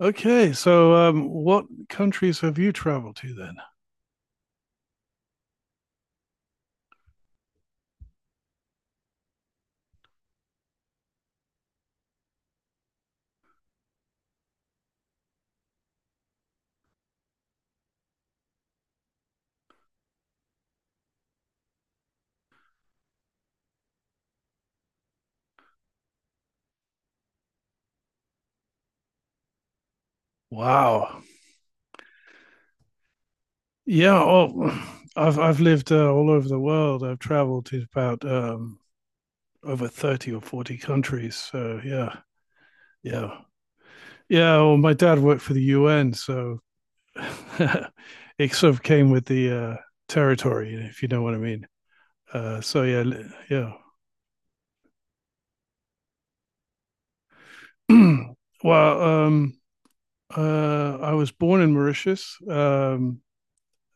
What countries have you traveled to then? Wow. Yeah, oh, I've lived all over the world. I've traveled to about over 30 or 40 countries. So yeah, yeah. Well, my dad worked for the UN, so it sort of came with the territory, if you know what I mean. Uh, so yeah, yeah. well, um, I was born in Mauritius,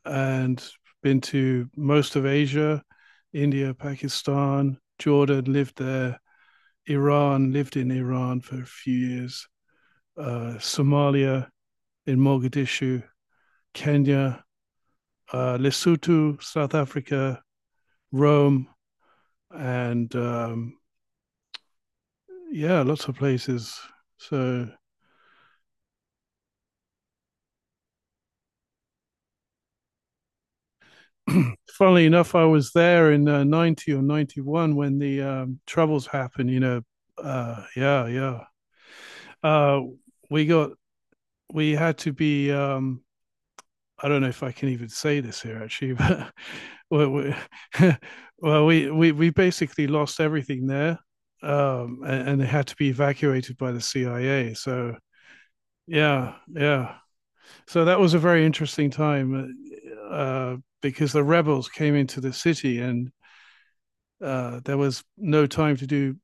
and been to most of Asia, India, Pakistan, Jordan. Lived there. Iran, lived in Iran for a few years, Somalia, in Mogadishu, Kenya, Lesotho, South Africa, Rome, and yeah, lots of places. So, funnily enough, I was there in 90 or 91 when the troubles happened, you know. Uh, yeah, yeah. Uh, we got, we had to be I don't know if I can even say this here, actually, but well, we, we basically lost everything there, and they had to be evacuated by the CIA. So yeah, yeah. So that was a very interesting time uh, uh, because the rebels came into the city, and there was no time to do,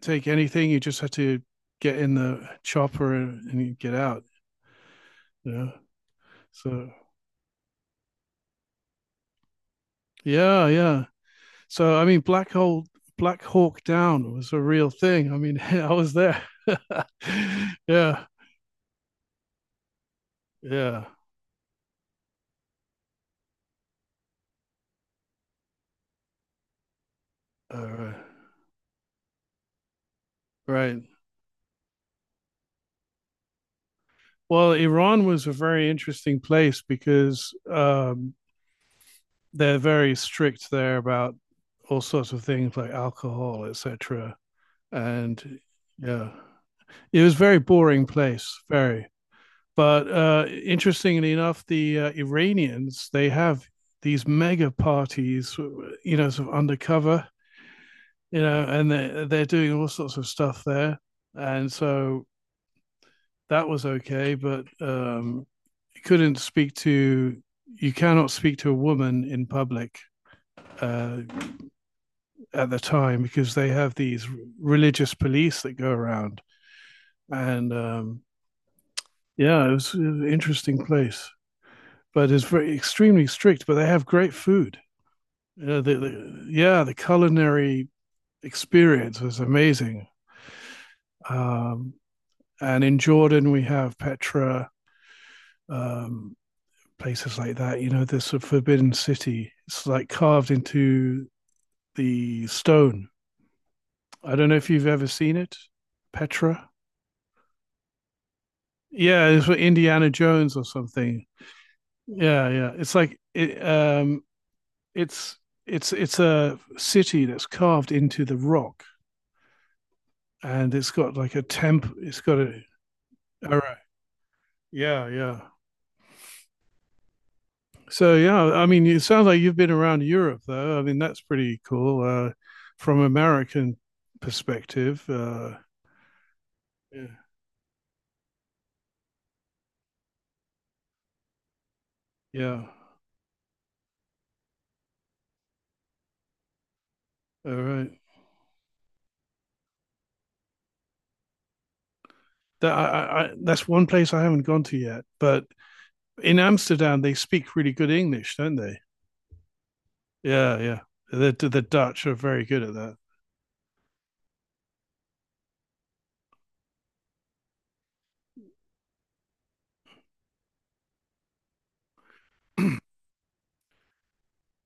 take anything. You just had to get in the chopper and get out. Yeah. So yeah, yeah. So I mean, Black Hawk Down was a real thing. I mean, I was there. Yeah, yeah. All right. Right. Well, Iran was a very interesting place because they're very strict there about all sorts of things like alcohol, etc. And yeah, it was a very boring place. Very. But interestingly enough, the Iranians, they have these mega parties, you know, sort of undercover, you know, and they're doing all sorts of stuff there, and so that was okay, but you couldn't speak to you cannot speak to a woman in public uh, at the time, because they have these religious police that go around, and yeah, it was an interesting place, but it's very extremely strict. But they have great food. Yeah, the culinary experience was amazing. Um, and in Jordan, we have Petra, um, places like that. You know, this Forbidden City. It's like carved into the stone. I don't know if you've ever seen it, Petra. Yeah, it's for Indiana Jones or something. Yeah, yeah. It's like it, it's it's a city that's carved into the rock, and it's got like a temp. It's got a Yeah, yeah. So yeah, I mean, it sounds like you've been around Europe, though. I mean, that's pretty cool from American perspective. Yeah, yeah. All right. That's one place I haven't gone to yet. But in Amsterdam, they speak really good English, don't they? Yeah, yeah. The Dutch are very good at that.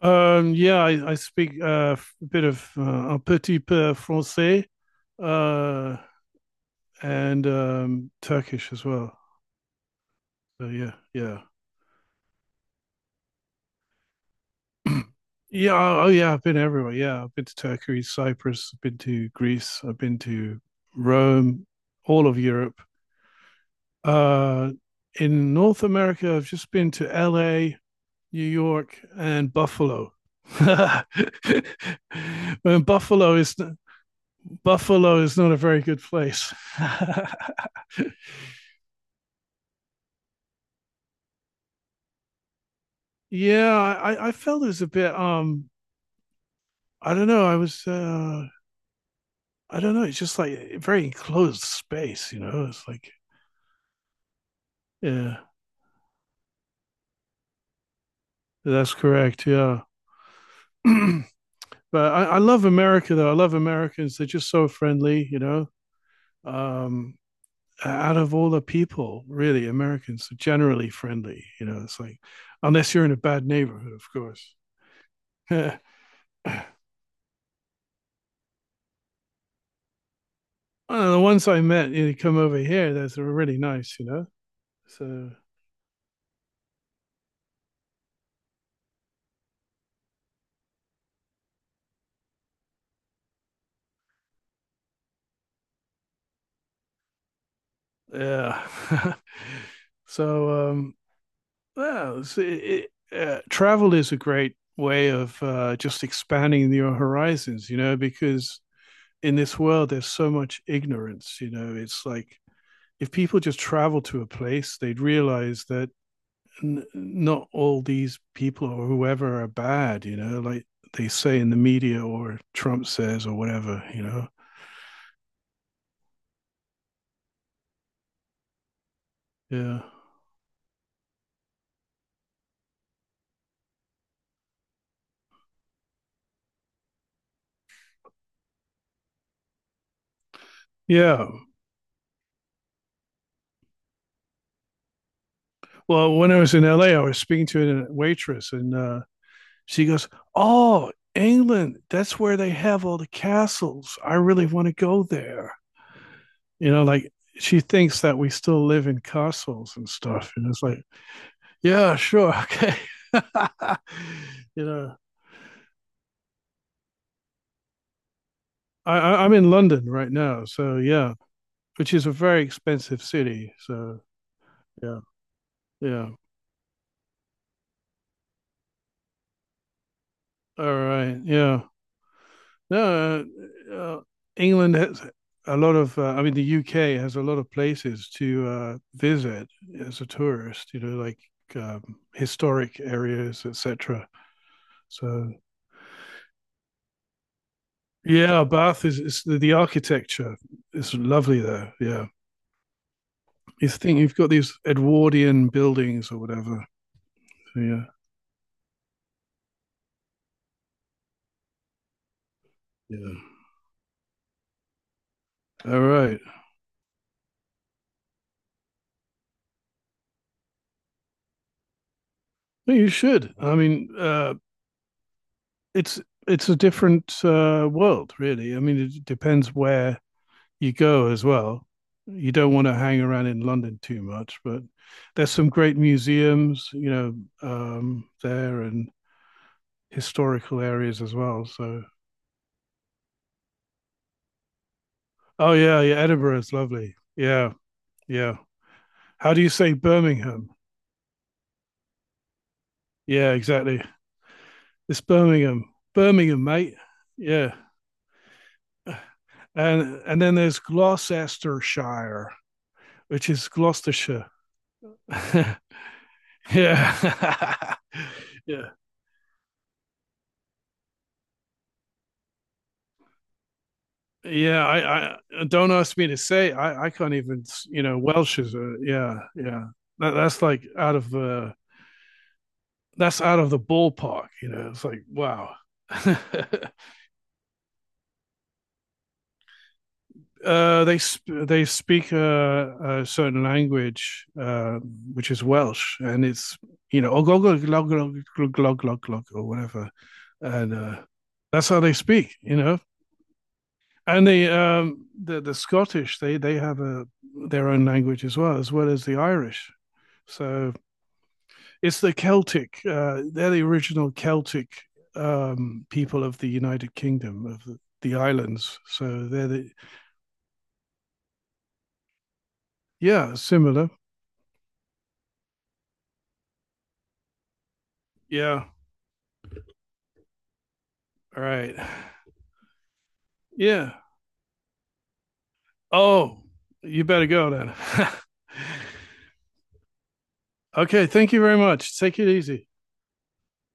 Yeah, I speak a bit of un petit peu français, uh, and Turkish as well. So yeah, yeah. Yeah. Oh, oh, yeah. I've been everywhere. Yeah. I've been to Turkey, Cyprus. I've been to Greece. I've been to Rome, all of Europe. Uh, in North America, I've just been to LA, New York, and Buffalo. And Buffalo is Buffalo is not a very good place. Yeah, I felt it was a bit. I don't know. I was. I don't know. It's just like a very enclosed space. You know, it's like yeah, that's correct. Yeah. But I love America, though. I love Americans. They're just so friendly, you know. Um, Out of all the people, really, Americans are generally friendly. You know, it's like, unless you're in a bad neighborhood, of course. One of the ones I met, you know, come over here, those are really nice, you know. So, yeah. so, um, well, it's- it, Travel is a great way of just expanding your horizons, you know, because in this world there's so much ignorance, you know. It's like, if people just travel to a place, they'd realize that not all these people or whoever are bad, you know, like they say in the media, or Trump says, or whatever, you know. Yeah, yeah. Well, when I was in LA, I was speaking to a waitress, and she goes, oh, England, that's where they have all the castles, I really want to go there. You know, like, she thinks that we still live in castles and stuff. And it's like, yeah, sure, okay. You know, I'm in London right now, so yeah, which is a very expensive city. So yeah, yeah, all right, yeah. No, uh, uh, England has a lot of. I mean, the UK has a lot of places to visit as a tourist. You know, like, um, historic areas, etc. So yeah, Bath is, it's the architecture is lovely there. Yeah, you think you've got these Edwardian buildings or whatever. So, yeah, yeah. All right, well, you should. I mean, it's it's a different world, really. I mean, it depends where you go as well. You don't want to hang around in London too much, but there's some great museums, you know, there, and historical areas as well. So, oh yeah, yeah, Edinburgh is lovely. Yeah, yeah. How do you say Birmingham? Yeah, exactly. It's Birmingham. Birmingham, mate. Yeah. And then there's Gloucestershire, which is Gloucestershire. Yeah. Yeah, Yeah, I don't, ask me to say. I can't even, you know, Welsh is a yeah, yeah. That's like out of that's out of the ballpark. You know, it's like, wow. They speak a certain language, which is Welsh, and it's, you know, ogogo glog glog glog or whatever, and that's how they speak, you know. And the the Scottish, they have a their own language, as well as well as the Irish, so it's the Celtic. They're the original Celtic people of the United Kingdom, of the islands. So they're the yeah similar yeah All right. Yeah. Oh, you better go then. Okay. Thank you very much. Take it easy.